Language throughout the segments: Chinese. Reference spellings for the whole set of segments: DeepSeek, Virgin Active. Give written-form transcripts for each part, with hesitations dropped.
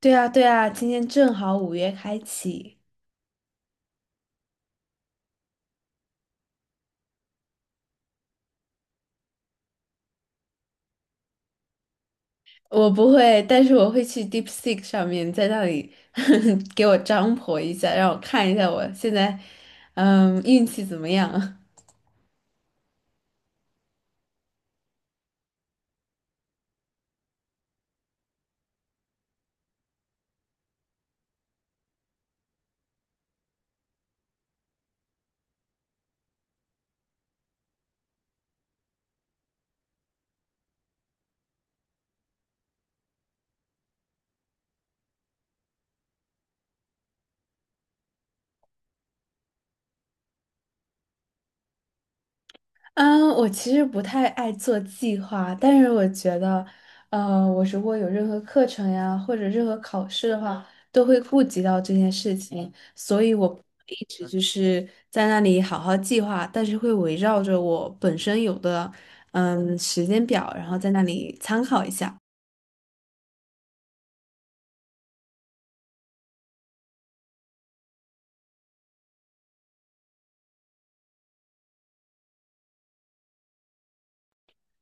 对啊，对啊，今天正好五月开启。我不会，但是我会去 DeepSeek 上面，在那里 给我张婆一下，让我看一下我现在，嗯，运气怎么样。嗯，我其实不太爱做计划，但是我觉得，我如果有任何课程呀，或者任何考试的话，都会顾及到这件事情，所以我不会一直就是在那里好好计划，但是会围绕着我本身有的，嗯，时间表，然后在那里参考一下。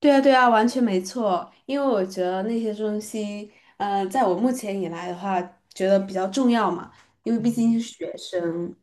对啊，对啊，完全没错，因为我觉得那些东西，在我目前以来的话，觉得比较重要嘛，因为毕竟是学生。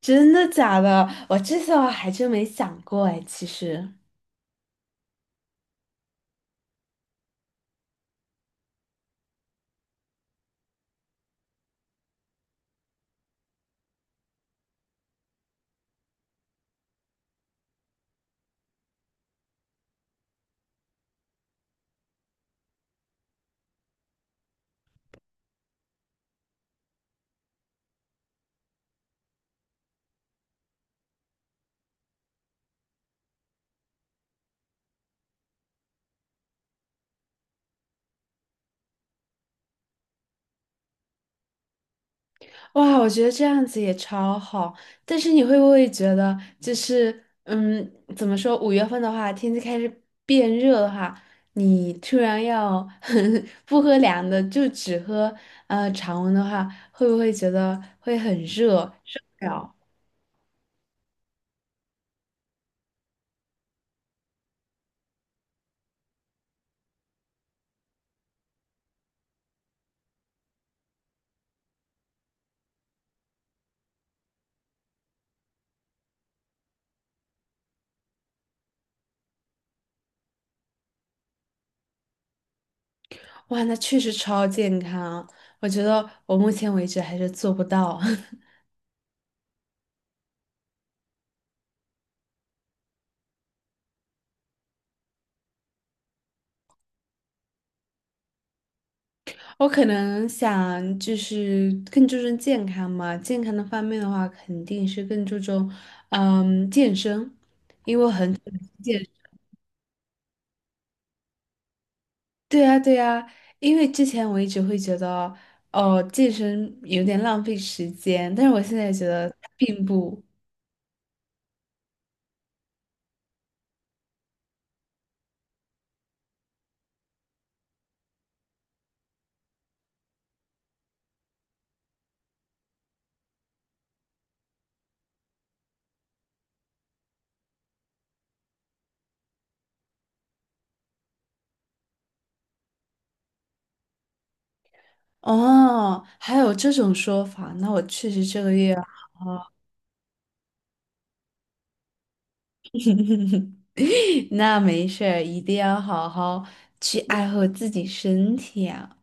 真的假的？我这些我还真没想过哎，其实，哇，我觉得这样子也超好。但是你会不会觉得，就是嗯，怎么说？五月份的话，天气开始变热的话，你突然要 不喝凉的，就只喝常温的话，会不会觉得会很热，受不了？哇，那确实超健康啊，我觉得我目前为止还是做不到。我可能想就是更注重健康嘛，健康的方面的话，肯定是更注重嗯健身，因为我很健。对呀，对呀，因为之前我一直会觉得哦健身有点浪费时间，但是我现在觉得并不。哦，还有这种说法，那我确实这个月好。 那没事儿，一定要好好去爱护自己身体啊。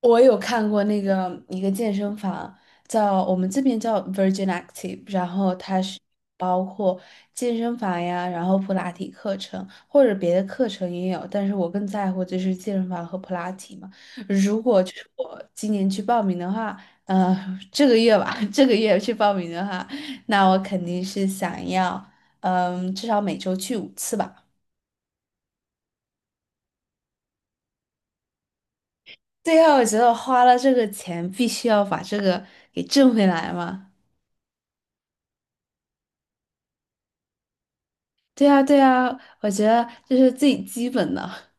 我有看过那个一个健身房，叫我们这边叫 Virgin Active，然后它是包括健身房呀，然后普拉提课程或者别的课程也有，但是我更在乎就是健身房和普拉提嘛。如果就是我今年去报名的话，呃，这个月吧，这个月去报名的话，那我肯定是想要，嗯，至少每周去五次吧。对后我觉得我花了这个钱，必须要把这个给挣回来嘛。对呀，对呀，我觉得这是最基本的。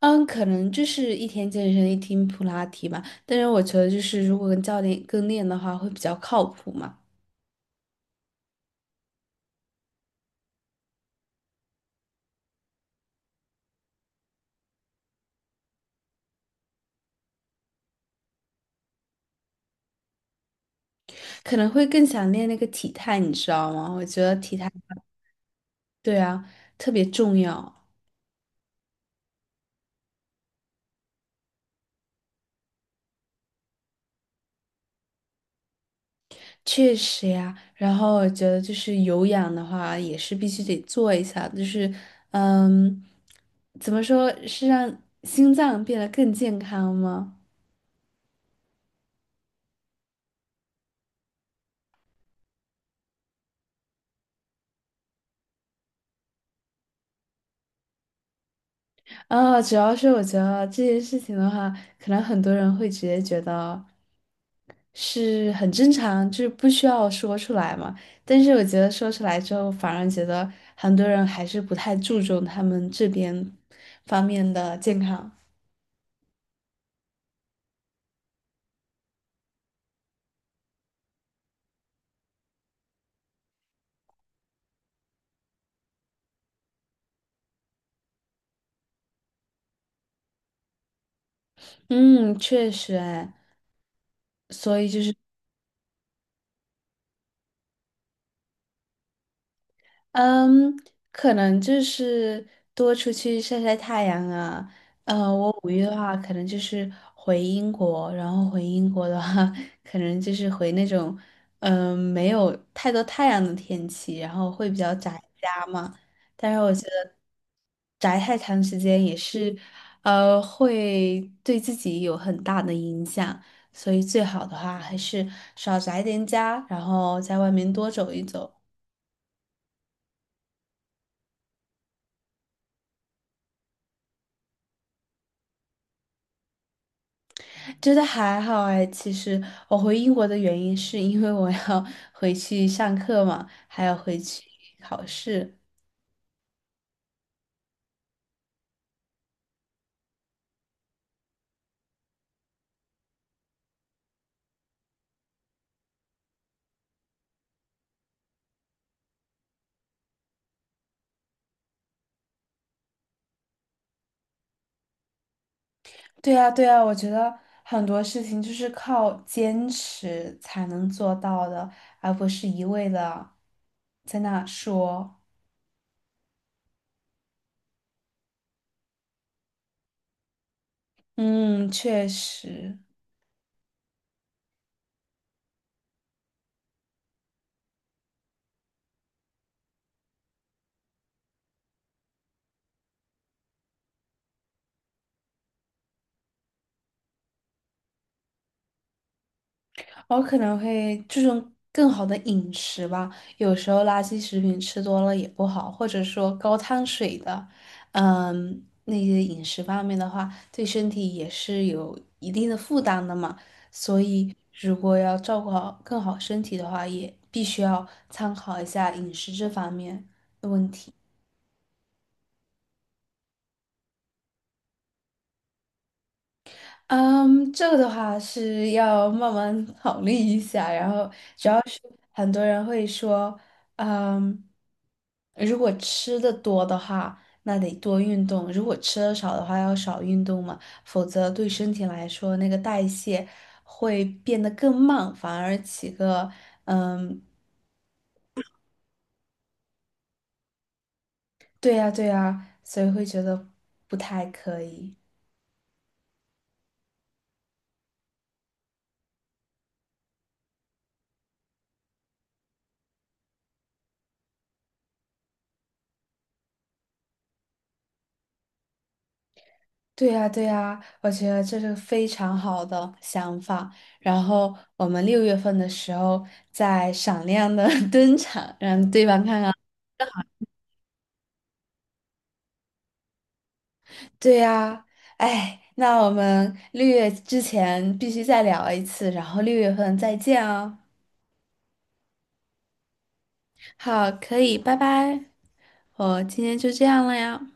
嗯，可能就是一天健身，一天普拉提吧。但是我觉得，就是如果跟教练跟练的话，会比较靠谱嘛。可能会更想练那个体态，你知道吗？我觉得体态，对啊，特别重要。确实呀。然后我觉得，就是有氧的话，也是必须得做一下。就是，嗯，怎么说是让心脏变得更健康吗？啊，主要是我觉得这件事情的话，可能很多人会直接觉得是很正常，就是不需要说出来嘛。但是我觉得说出来之后，反而觉得很多人还是不太注重他们这边方面的健康。嗯，确实，哎，所以就是。嗯，可能就是多出去晒晒太阳啊。我五一的话，可能就是回英国，然后回英国的话，可能就是回那种嗯、没有太多太阳的天气，然后会比较宅家嘛。但是我觉得宅太长时间也是会对自己有很大的影响，所以最好的话还是少宅点家，然后在外面多走一走。觉得还好哎，其实我回英国的原因是因为我要 回去上课嘛，还要回去考试。对啊，对啊，我觉得很多事情就是靠坚持才能做到的，而不是一味的在那说。嗯，确实。我可能会注重更好的饮食吧。有时候垃圾食品吃多了也不好，或者说高碳水的，嗯，那些饮食方面的话，对身体也是有一定的负担的嘛。所以，如果要照顾好更好身体的话，也必须要参考一下饮食这方面的问题。嗯，这个的话是要慢慢考虑一下，然后主要是很多人会说，嗯，如果吃的多的话，那得多运动；如果吃的少的话，要少运动嘛，否则对身体来说，那个代谢会变得更慢，反而起个，嗯，对呀，对呀，所以会觉得不太可以。对呀，对呀，我觉得这是个非常好的想法。然后我们六月份的时候再闪亮的 登场，让对方看看。对呀，哎，那我们六月之前必须再聊一次，然后六月份再见哦。好，可以，拜拜。我今天就这样了呀。